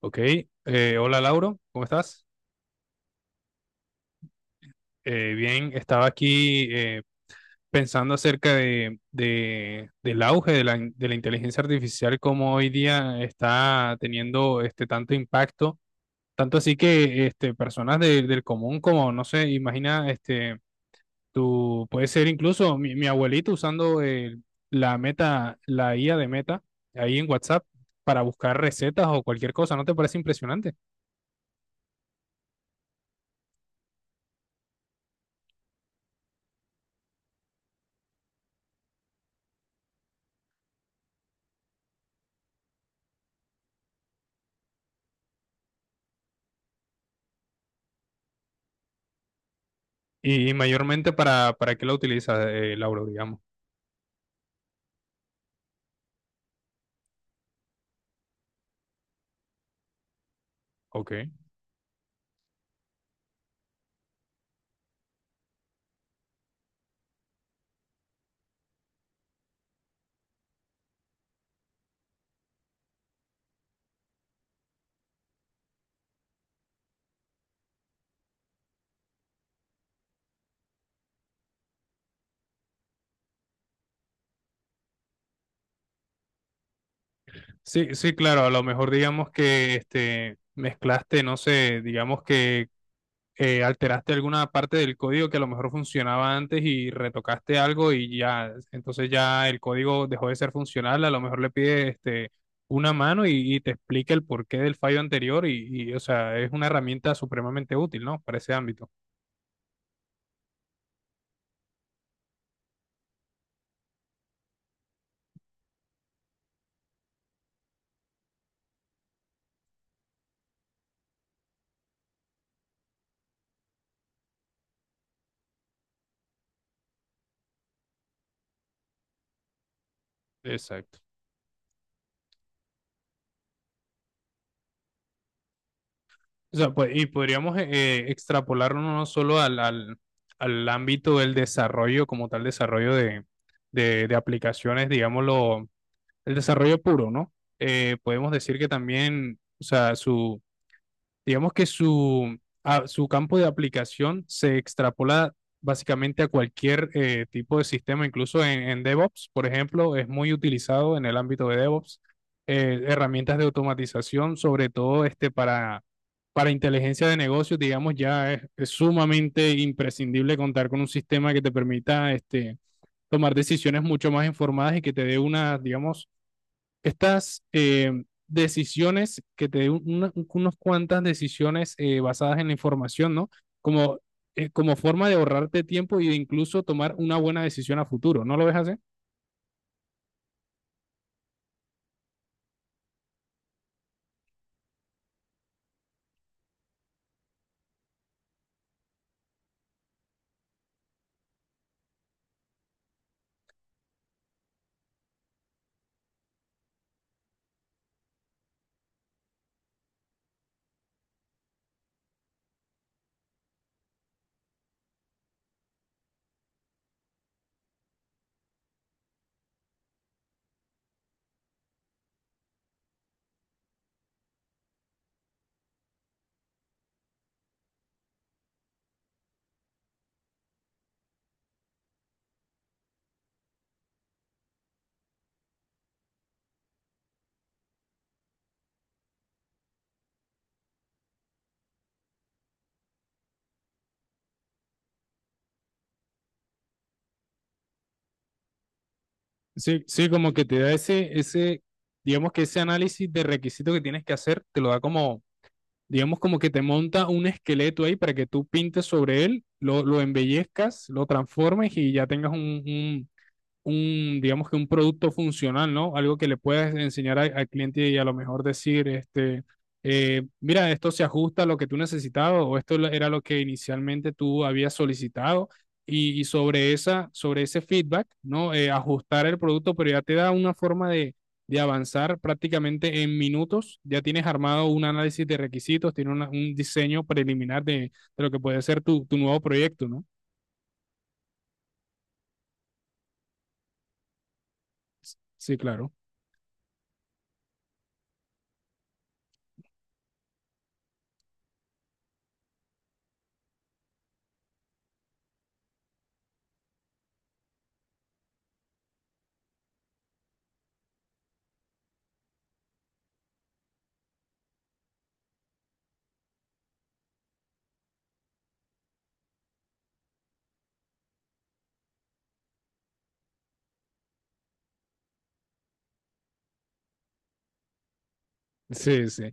Ok, hola Lauro, ¿cómo estás? Bien, estaba aquí pensando acerca del auge de de la inteligencia artificial, como hoy día está teniendo este tanto impacto, tanto así que este, personas del común como, no sé, imagina, este, tú puedes ser incluso mi abuelito usando la Meta, la IA de Meta, ahí en WhatsApp, para buscar recetas o cualquier cosa, ¿no te parece impresionante? Y mayormente para qué la utilizas, Lauro, digamos. Ok. Sí, sí, claro, a lo mejor digamos que este, mezclaste, no sé, digamos que alteraste alguna parte del código que a lo mejor funcionaba antes y retocaste algo y ya, entonces ya el código dejó de ser funcional, a lo mejor le pide este, una mano y te explica el porqué del fallo anterior o sea, es una herramienta supremamente útil, ¿no? Para ese ámbito. Exacto. O sea, pues, y podríamos extrapolarlo no solo al, al ámbito del desarrollo, como tal, desarrollo de aplicaciones, digámoslo, el desarrollo puro, ¿no? Podemos decir que también, o sea, digamos que su campo de aplicación se extrapola básicamente a cualquier tipo de sistema, incluso en DevOps, por ejemplo, es muy utilizado en el ámbito de DevOps, herramientas de automatización, sobre todo este para inteligencia de negocios, digamos, ya es sumamente imprescindible contar con un sistema que te permita este, tomar decisiones mucho más informadas y que te dé una, digamos, estas decisiones que te den unas cuantas decisiones basadas en la información, ¿no? Como, como forma de ahorrarte tiempo y de incluso tomar una buena decisión a futuro, ¿no lo ves así? Sí, sí, como que te da ese, digamos que ese análisis de requisito que tienes que hacer, te lo da como, digamos como que te monta un esqueleto ahí para que tú pintes sobre él, lo embellezcas, lo transformes y ya tengas digamos que un producto funcional, ¿no? Algo que le puedes enseñar al cliente y a lo mejor decir, este, mira, esto se ajusta a lo que tú necesitabas o esto era lo que inicialmente tú habías solicitado y sobre esa, sobre ese feedback, ¿no? Ajustar el producto, pero ya te da una forma de avanzar prácticamente en minutos. Ya tienes armado un análisis de requisitos, tienes un diseño preliminar de lo que puede ser tu nuevo proyecto, ¿no? Sí, claro. Sí, sí.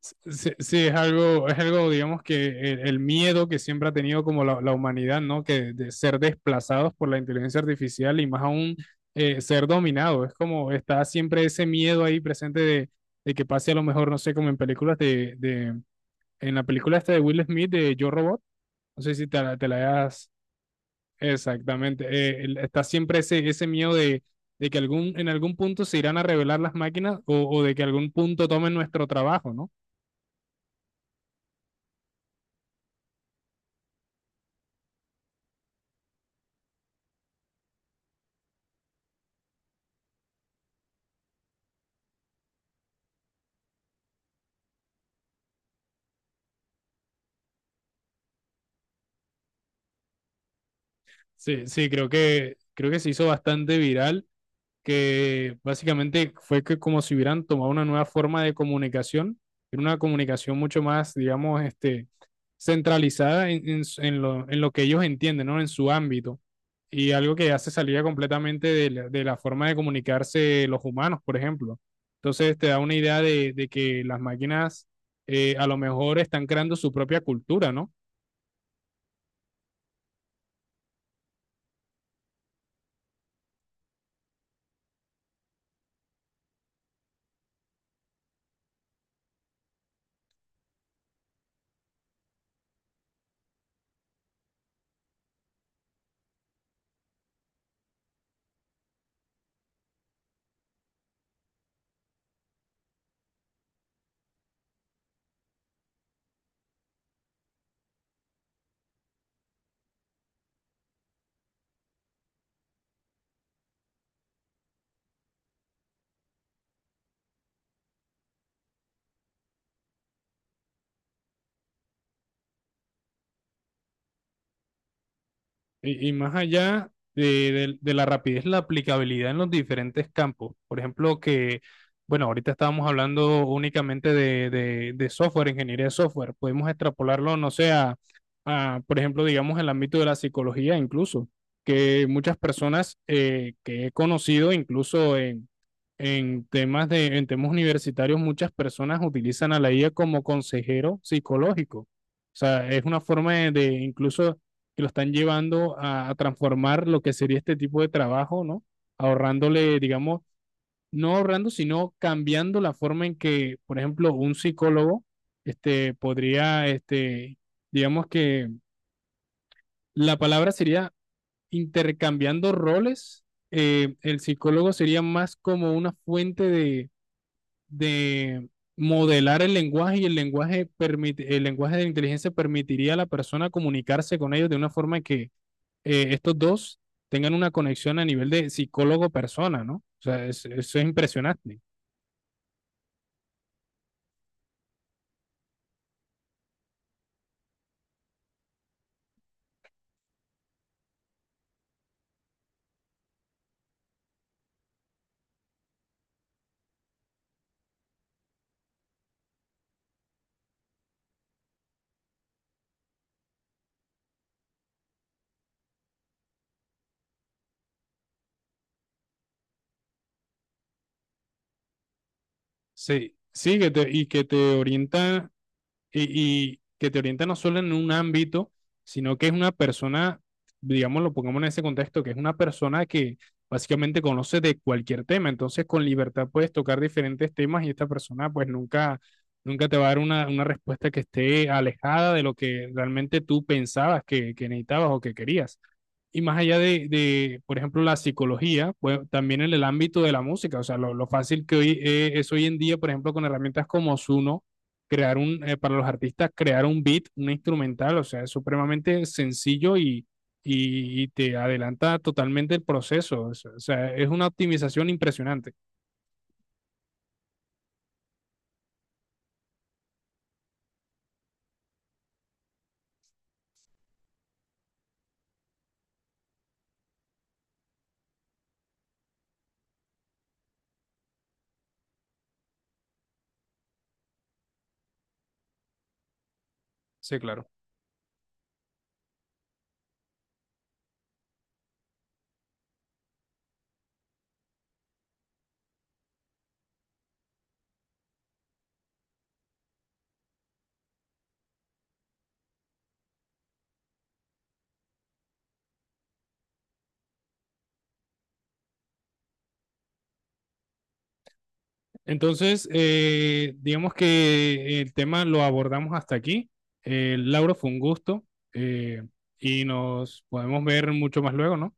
Sí, sí, es algo, digamos que el miedo que siempre ha tenido como la humanidad, ¿no? Que de ser desplazados por la inteligencia artificial y más aún ser dominado. Es como está siempre ese miedo ahí presente de que pase a lo mejor, no sé, como en películas de, en la película esta de Will Smith de Yo Robot, no sé si te, te la hayas exactamente, está siempre ese, ese miedo de que algún, en algún punto se irán a revelar las máquinas o de que algún punto tomen nuestro trabajo, ¿no? Sí, sí, creo que se hizo bastante viral, que básicamente fue que como si hubieran tomado una nueva forma de comunicación, era una comunicación mucho más, digamos, este, centralizada en, en lo que ellos entienden, ¿no? En su ámbito. Y algo que ya se salía completamente de de la forma de comunicarse los humanos, por ejemplo. Entonces te da una idea de que las máquinas a lo mejor están creando su propia cultura, ¿no? Y más allá de, de la rapidez, la aplicabilidad en los diferentes campos. Por ejemplo, que, bueno, ahorita estábamos hablando únicamente de, de software, ingeniería de software. Podemos extrapolarlo, no sé, a, por ejemplo, digamos, el ámbito de la psicología incluso, que muchas personas que he conocido, incluso en temas de, en temas universitarios, muchas personas utilizan a la IA como consejero psicológico. O sea, es una forma de incluso que lo están llevando a transformar lo que sería este tipo de trabajo, ¿no? Ahorrándole, digamos, no ahorrando, sino cambiando la forma en que, por ejemplo, un psicólogo este, podría, este, digamos que la palabra sería intercambiando roles, el psicólogo sería más como una fuente de modelar el lenguaje y el lenguaje, permite, el lenguaje de la inteligencia permitiría a la persona comunicarse con ellos de una forma que estos dos tengan una conexión a nivel de psicólogo-persona, ¿no? O sea, eso es impresionante. Sí, sí, que te, y que te orienta y que te orienta no solo en un ámbito, sino que es una persona, digamos, lo pongamos en ese contexto, que es una persona que básicamente conoce de cualquier tema, entonces con libertad puedes tocar diferentes temas y esta persona pues nunca, nunca te va a dar una respuesta que esté alejada de lo que realmente tú pensabas que necesitabas o que querías. Y más allá de, por ejemplo, la psicología, pues también en el ámbito de la música, o sea, lo fácil que hoy es hoy en día, por ejemplo, con herramientas como Zuno, crear un, para los artistas, crear un beat, un instrumental, o sea, es supremamente sencillo y te adelanta totalmente el proceso, o sea, es una optimización impresionante. Sí, claro. Entonces, digamos que el tema lo abordamos hasta aquí. Lauro, fue un gusto eh, y nos podemos ver mucho más luego, ¿no?